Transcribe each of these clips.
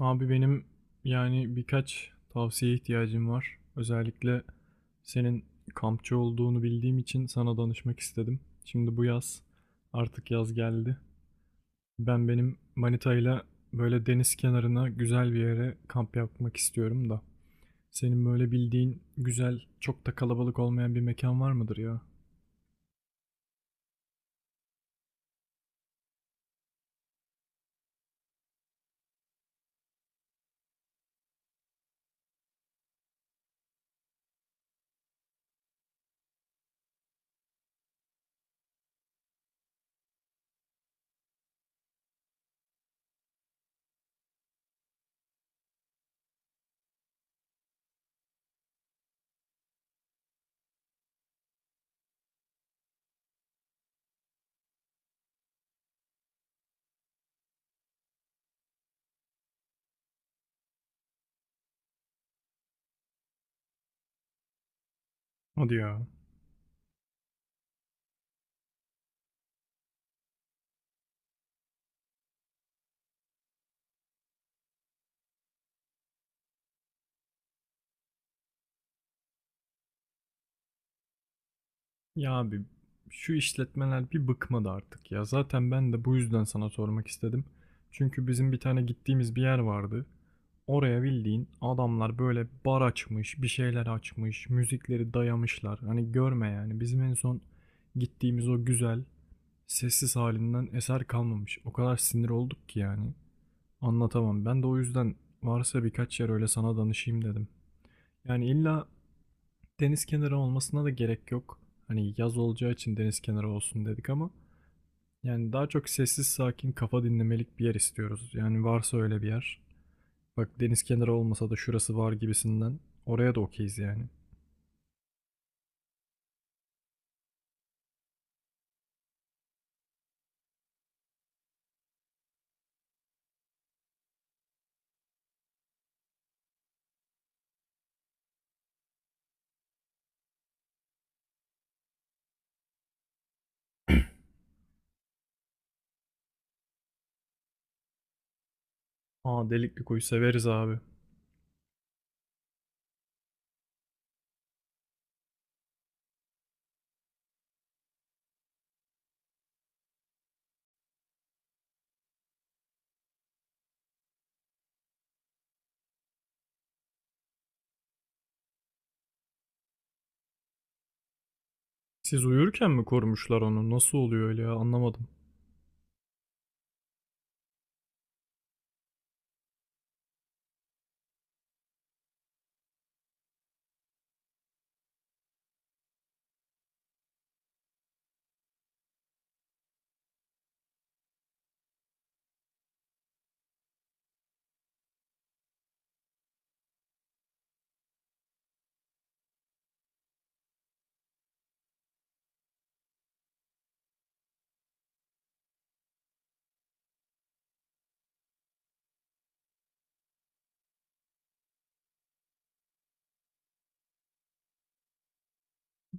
Abi benim yani birkaç tavsiye ihtiyacım var. Özellikle senin kampçı olduğunu bildiğim için sana danışmak istedim. Şimdi bu yaz artık yaz geldi. Ben benim manitayla böyle deniz kenarına güzel bir yere kamp yapmak istiyorum da. Senin böyle bildiğin güzel çok da kalabalık olmayan bir mekan var mıdır ya? Hadi ya. Ya abi şu işletmeler bir bıkmadı artık ya. Zaten ben de bu yüzden sana sormak istedim. Çünkü bizim bir tane gittiğimiz bir yer vardı. Oraya bildiğin adamlar böyle bar açmış, bir şeyler açmış, müzikleri dayamışlar. Hani görme yani bizim en son gittiğimiz o güzel, sessiz halinden eser kalmamış. O kadar sinir olduk ki yani. Anlatamam. Ben de o yüzden varsa birkaç yer öyle sana danışayım dedim. Yani illa deniz kenarı olmasına da gerek yok. Hani yaz olacağı için deniz kenarı olsun dedik ama yani daha çok sessiz sakin kafa dinlemelik bir yer istiyoruz. Yani varsa öyle bir yer. Bak deniz kenarı olmasa da şurası var gibisinden. Oraya da okeyiz yani. Aa delikli kuyu severiz abi. Siz uyurken mi korumuşlar onu? Nasıl oluyor öyle ya anlamadım.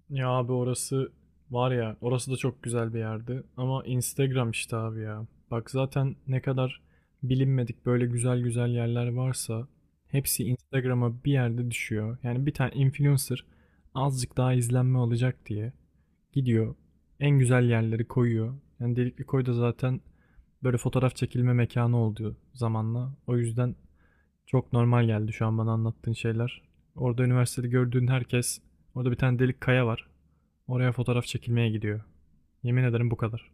Ya abi orası var ya orası da çok güzel bir yerdi ama Instagram işte abi ya. Bak zaten ne kadar bilinmedik böyle güzel güzel yerler varsa hepsi Instagram'a bir yerde düşüyor. Yani bir tane influencer azıcık daha izlenme alacak diye gidiyor en güzel yerleri koyuyor. Yani Delikli Koy da zaten böyle fotoğraf çekilme mekanı oldu zamanla. O yüzden çok normal geldi şu an bana anlattığın şeyler. Orada üniversitede gördüğün herkes. Orada bir tane delik kaya var. Oraya fotoğraf çekilmeye gidiyor. Yemin ederim bu kadar.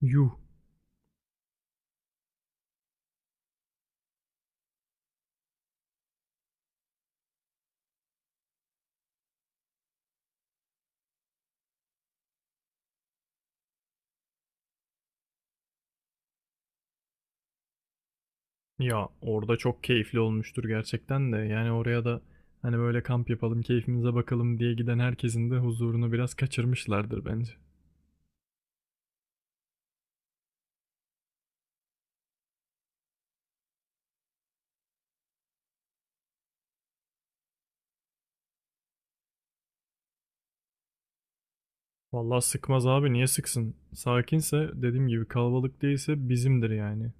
Yuh. Ya orada çok keyifli olmuştur gerçekten de. Yani oraya da hani böyle kamp yapalım, keyfimize bakalım diye giden herkesin de huzurunu biraz kaçırmışlardır bence. Vallahi sıkmaz abi niye sıksın? Sakinse dediğim gibi kalabalık değilse bizimdir yani.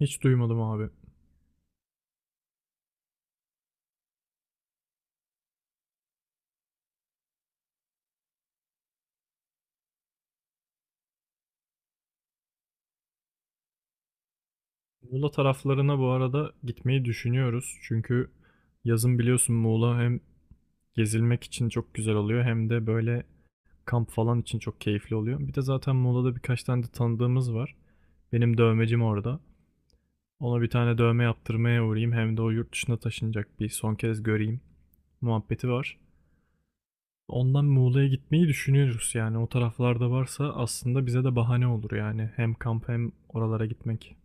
Hiç duymadım abi. Muğla taraflarına bu arada gitmeyi düşünüyoruz. Çünkü yazın biliyorsun Muğla hem gezilmek için çok güzel oluyor hem de böyle kamp falan için çok keyifli oluyor. Bir de zaten Muğla'da birkaç tane de tanıdığımız var. Benim dövmecim orada. Ona bir tane dövme yaptırmaya uğrayayım. Hem de o yurt dışına taşınacak bir son kez göreyim muhabbeti var. Ondan Muğla'ya gitmeyi düşünüyoruz yani. O taraflarda varsa aslında bize de bahane olur yani. Hem kamp hem oralara gitmek.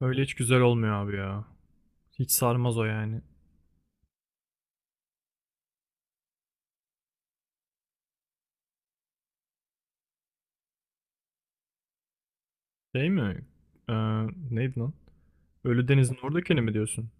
Öyle hiç güzel olmuyor abi ya. Hiç sarmaz o yani. Şey mi? Ee, Neydi lan? Ölüdeniz'in oradakini mi diyorsun?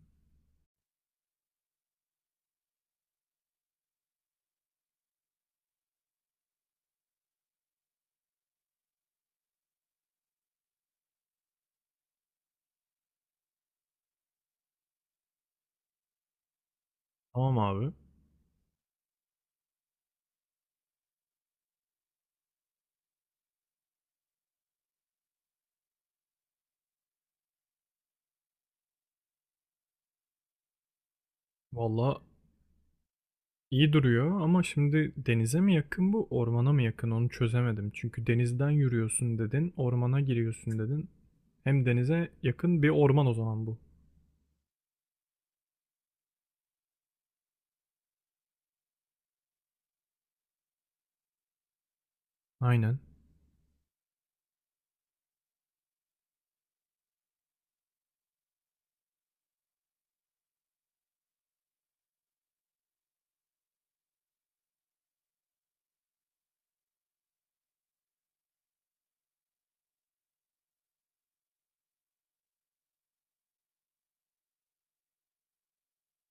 Tamam abi. Valla İyi duruyor ama şimdi denize mi yakın bu, ormana mı yakın onu çözemedim. Çünkü denizden yürüyorsun dedin, ormana giriyorsun dedin. Hem denize yakın bir orman o zaman bu. Aynen.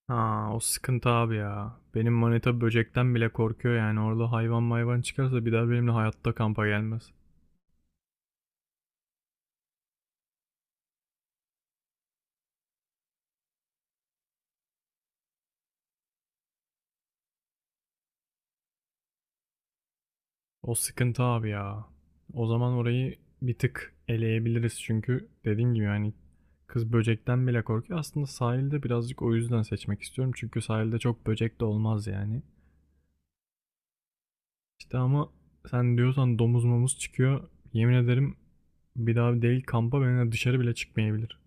Ha, o sıkıntı abi ya. Benim manita böcekten bile korkuyor yani. Orada hayvan mayvan çıkarsa bir daha benimle hayatta kampa gelmez. O sıkıntı abi ya. O zaman orayı bir tık eleyebiliriz çünkü dediğim gibi yani kız böcekten bile korkuyor. Aslında sahilde birazcık o yüzden seçmek istiyorum. Çünkü sahilde çok böcek de olmaz yani. İşte ama sen diyorsan domuz momuz çıkıyor. Yemin ederim bir daha değil kampa benimle dışarı bile çıkmayabilir.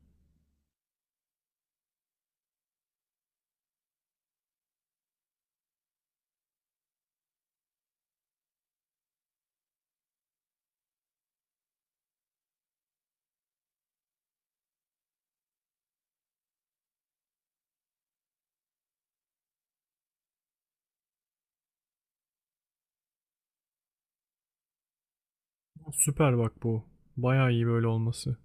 Süper bak bu. Bayağı iyi böyle olması.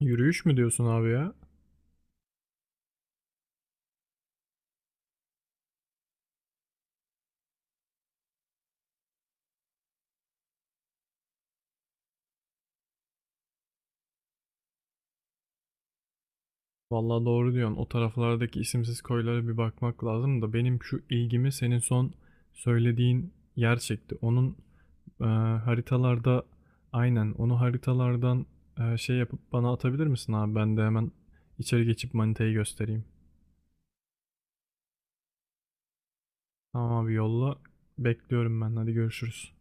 Yürüyüş mü diyorsun abi ya? Vallahi doğru diyorsun. O taraflardaki isimsiz koylara bir bakmak lazım da benim şu ilgimi senin son söylediğin yer çekti. Onun e, haritalarda aynen onu haritalardan şey yapıp bana atabilir misin abi? Ben de hemen içeri geçip manitayı göstereyim. Tamam abi yolla. Bekliyorum ben. Hadi görüşürüz.